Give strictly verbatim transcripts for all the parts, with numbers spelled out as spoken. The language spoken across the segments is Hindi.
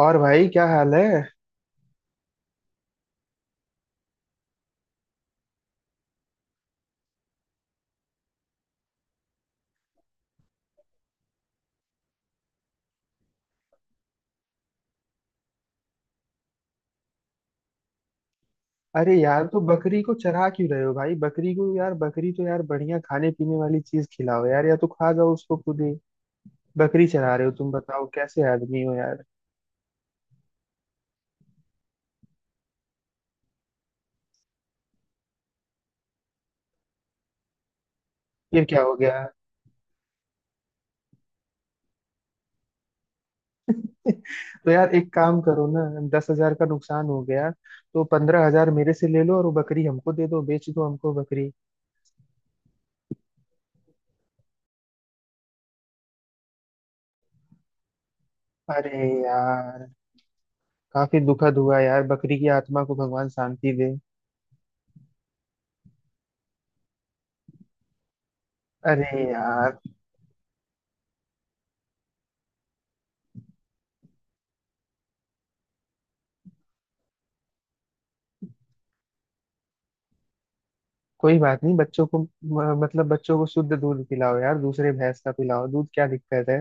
और भाई क्या हाल है? अरे यार, तो बकरी को चरा क्यों रहे हो भाई? बकरी को यार, बकरी तो यार बढ़िया खाने पीने वाली चीज खिलाओ यार, या तो खा जाओ उसको खुद ही। बकरी चरा रहे हो तुम, बताओ कैसे आदमी हो यार। ये क्या हो गया? तो यार एक काम करो ना। दस हजार का नुकसान हो गया? तो पंद्रह हजार मेरे से ले लो और वो बकरी हमको दे दो, बेच दो हमको बकरी। अरे यार, काफी दुखद हुआ यार, बकरी की आत्मा को भगवान शांति दे। अरे यार, कोई बात नहीं, बच्चों को म- मतलब बच्चों को शुद्ध दूध पिलाओ यार, दूसरे भैंस का पिलाओ दूध, क्या दिक्कत है?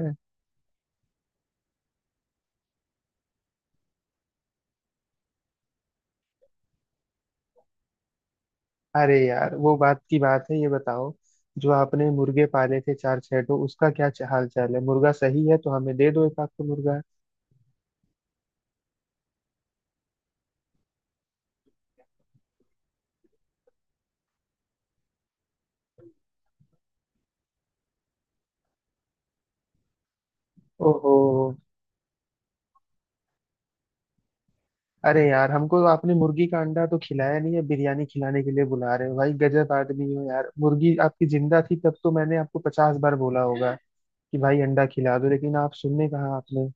अरे यार वो बात की बात है, ये बताओ, जो आपने मुर्गे पाले थे चार छह, तो उसका क्या च- हाल चाल है? मुर्गा सही है तो हमें दे दो एक आध तो मुर्गा। ओहो। अरे यार, हमको तो आपने मुर्गी का अंडा तो खिलाया नहीं है, बिरयानी खिलाने के लिए बुला रहे हो भाई? गजब आदमी हो यार। मुर्गी आपकी जिंदा थी तब तो मैंने आपको पचास बार बोला होगा कि भाई अंडा खिला दो, लेकिन आप सुनने कहा आपने?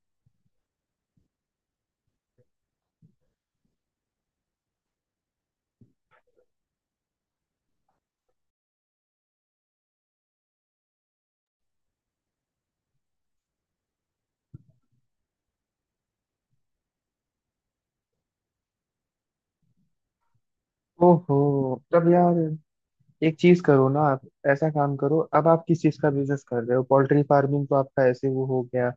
ओहो तब यार, एक चीज करो ना आप। ऐसा काम करो, अब आप किस चीज का बिजनेस कर रहे हो? पोल्ट्री फार्मिंग तो आपका ऐसे वो हो गया,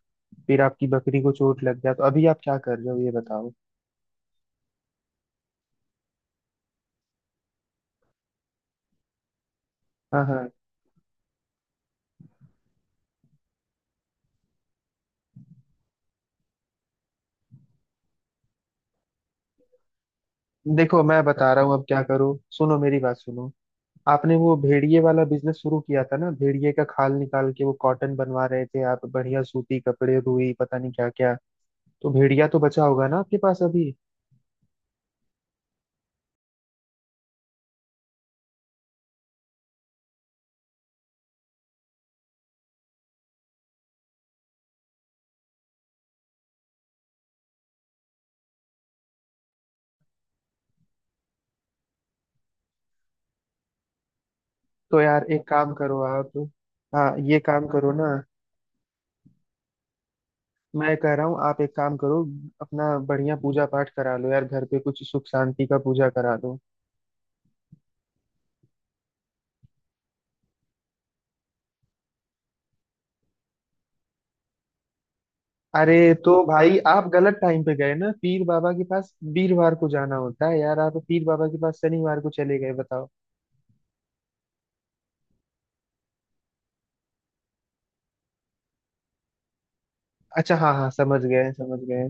फिर आपकी बकरी को चोट लग गया, तो अभी आप क्या कर रहे हो ये बताओ। हाँ हाँ। देखो मैं बता रहा हूँ, अब क्या करो, सुनो मेरी बात सुनो। आपने वो भेड़िए वाला बिजनेस शुरू किया था ना, भेड़िए का खाल निकाल के वो कॉटन बनवा रहे थे आप, बढ़िया सूती कपड़े, रुई, पता नहीं क्या क्या। तो भेड़िया तो बचा होगा ना आपके पास अभी? तो यार एक काम करो आप। हाँ, ये काम करो ना। मैं कह रहा हूँ, आप एक काम करो। अपना बढ़िया पूजा पाठ करा लो यार, घर पे कुछ सुख शांति का पूजा करा लो। अरे तो भाई आप गलत टाइम पे गए ना पीर बाबा के पास, वीरवार को जाना होता है यार, आप पीर बाबा के पास शनिवार को चले गए बताओ। अच्छा, हाँ हाँ, समझ गए समझ गए।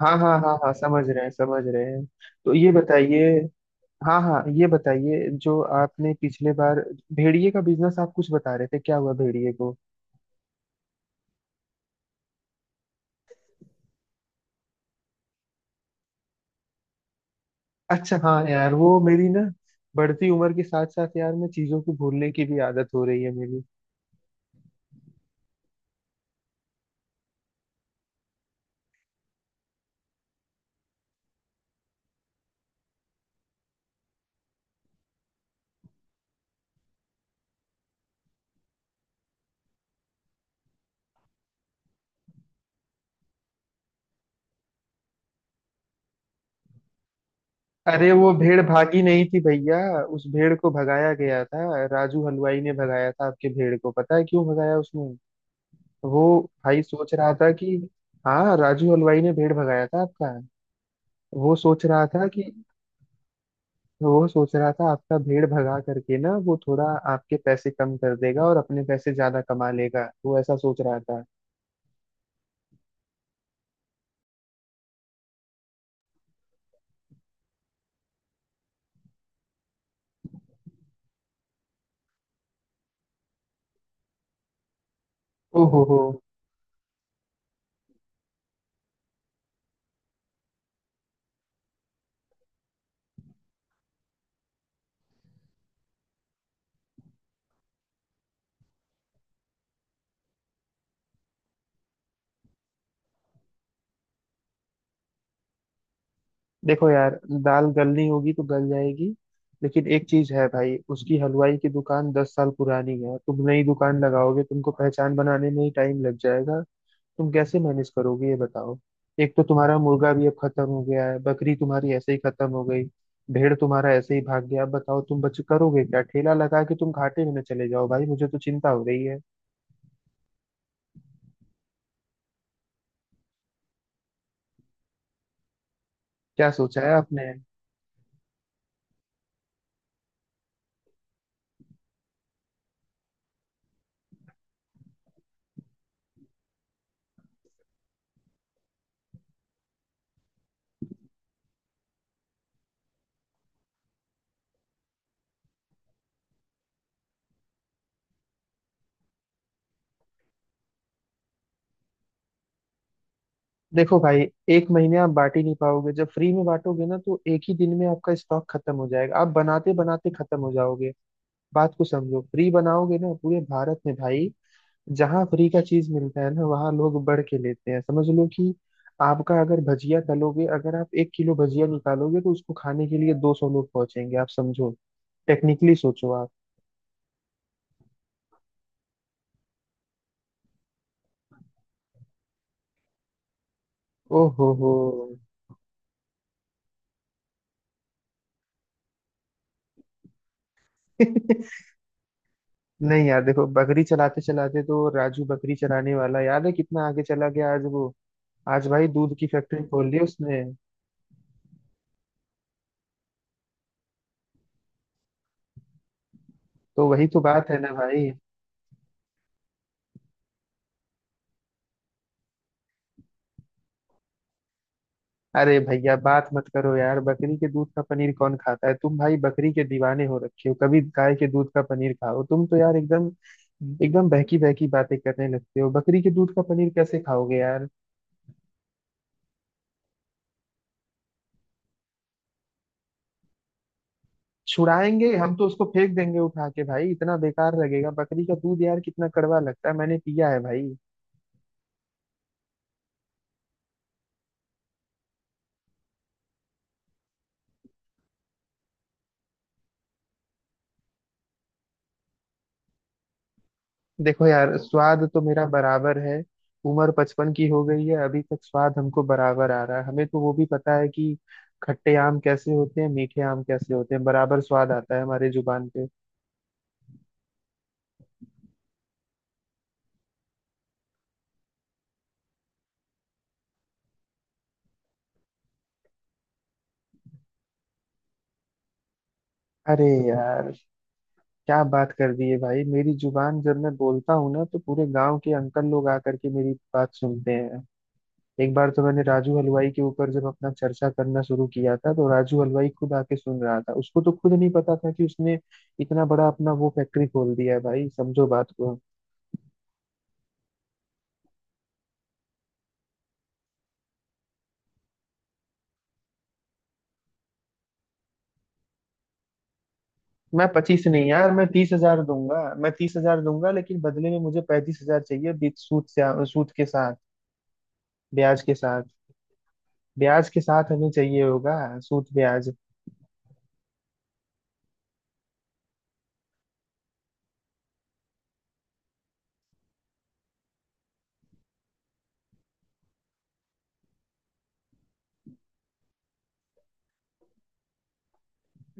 हाँ हाँ हाँ हाँ, समझ रहे हैं समझ रहे हैं। तो ये बताइए, हाँ हाँ ये बताइए, जो आपने पिछले बार भेड़िए का बिजनेस आप कुछ बता रहे थे, क्या हुआ भेड़िए को? अच्छा हाँ यार, वो मेरी ना बढ़ती उम्र के साथ साथ यार, मैं चीजों को भूलने की भी आदत हो रही है मेरी। अरे वो भेड़ भागी नहीं थी भैया, उस भेड़ को भगाया गया था, राजू हलवाई ने भगाया था आपके भेड़ को, पता है क्यों भगाया उसने? वो भाई सोच रहा था कि, हाँ राजू हलवाई ने भेड़ भगाया था आपका। वो सोच रहा था कि, वो सोच रहा था आपका भेड़ भगा करके ना, वो थोड़ा आपके पैसे कम कर देगा और अपने पैसे ज्यादा कमा लेगा, वो ऐसा सोच रहा था। ओहो हो, देखो यार, दाल गलनी होगी तो गल जाएगी। लेकिन एक चीज है भाई, उसकी हलवाई की दुकान दस साल पुरानी है, तुम नई दुकान लगाओगे, तुमको पहचान बनाने में ही टाइम लग जाएगा। तुम कैसे मैनेज करोगे ये बताओ। एक तो तुम्हारा मुर्गा भी अब खत्म हो गया है, बकरी तुम्हारी ऐसे ही खत्म हो गई, भेड़ तुम्हारा ऐसे ही भाग गया, अब बताओ तुम बच करोगे क्या? ठेला लगा के तुम घाटे में न चले जाओ भाई, मुझे तो चिंता हो रही है। क्या सोचा है आपने? देखो भाई, एक महीने आप बांट ही नहीं पाओगे, जब फ्री में बांटोगे ना तो एक ही दिन में आपका स्टॉक खत्म हो जाएगा, आप बनाते बनाते खत्म हो जाओगे। बात को समझो, फ्री बनाओगे ना पूरे भारत में भाई, जहाँ फ्री का चीज मिलता है ना वहाँ लोग बढ़ के लेते हैं, समझ लो कि आपका अगर भजिया तलोगे, अगर आप एक किलो भजिया निकालोगे तो उसको खाने के लिए दो सौ लोग पहुंचेंगे, आप समझो, टेक्निकली सोचो आप। ओ हो हो। नहीं यार, देखो बकरी चलाते चलाते तो राजू, बकरी चलाने वाला याद है, कितना आगे चला गया आज वो। आज भाई दूध की फैक्ट्री खोल ली उसने। तो वही तो बात है ना भाई। अरे भैया बात मत करो यार, बकरी के दूध का पनीर कौन खाता है? तुम भाई बकरी के दीवाने हो रखे हो, कभी गाय के दूध का पनीर खाओ तुम तो यार, एकदम एकदम बहकी बहकी बातें करने लगते हो, बकरी के दूध का पनीर कैसे खाओगे यार? छुड़ाएंगे हम तो, उसको फेंक देंगे उठा के भाई, इतना बेकार लगेगा, बकरी का दूध यार कितना कड़वा लगता है, मैंने पिया है भाई। देखो यार, स्वाद तो मेरा बराबर है। उम्र बचपन की हो गई है, अभी तक स्वाद हमको बराबर आ रहा है, हमें तो वो भी पता है कि खट्टे आम कैसे होते हैं, मीठे आम कैसे होते हैं, बराबर स्वाद आता है हमारे जुबान पे। अरे यार, क्या बात कर दी है भाई, मेरी जुबान जब मैं बोलता हूँ ना, तो पूरे गांव के अंकल लोग आकर के मेरी बात सुनते हैं। एक बार तो मैंने राजू हलवाई के ऊपर जब अपना चर्चा करना शुरू किया था, तो राजू हलवाई खुद आके सुन रहा था, उसको तो खुद नहीं पता था कि उसने इतना बड़ा अपना वो फैक्ट्री खोल दिया है, भाई समझो बात को। मैं पच्चीस नहीं यार, मैं तीस हजार दूंगा, मैं तीस हजार दूंगा, लेकिन बदले में मुझे पैंतीस हजार चाहिए बीच सूद से। सूद के साथ, ब्याज के साथ। ब्याज के साथ हमें चाहिए होगा। सूद ब्याज।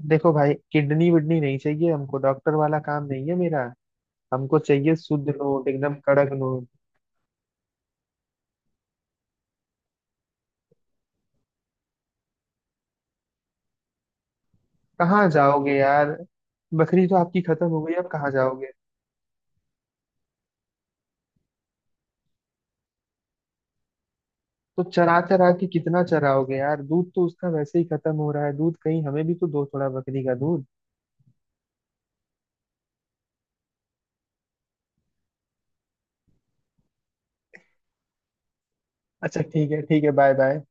देखो भाई, किडनी विडनी नहीं चाहिए हमको, डॉक्टर वाला काम नहीं है मेरा। हमको चाहिए शुद्ध नोट, एकदम कड़क नोट। कहाँ जाओगे यार? बकरी तो आपकी खत्म हो गई, अब कहाँ जाओगे? तो चरा चरा के कितना चराओगे यार, दूध तो उसका वैसे ही खत्म हो रहा है, दूध कहीं हमें भी तो दो थोड़ा बकरी का दूध। अच्छा, ठीक है ठीक है, बाय बाय।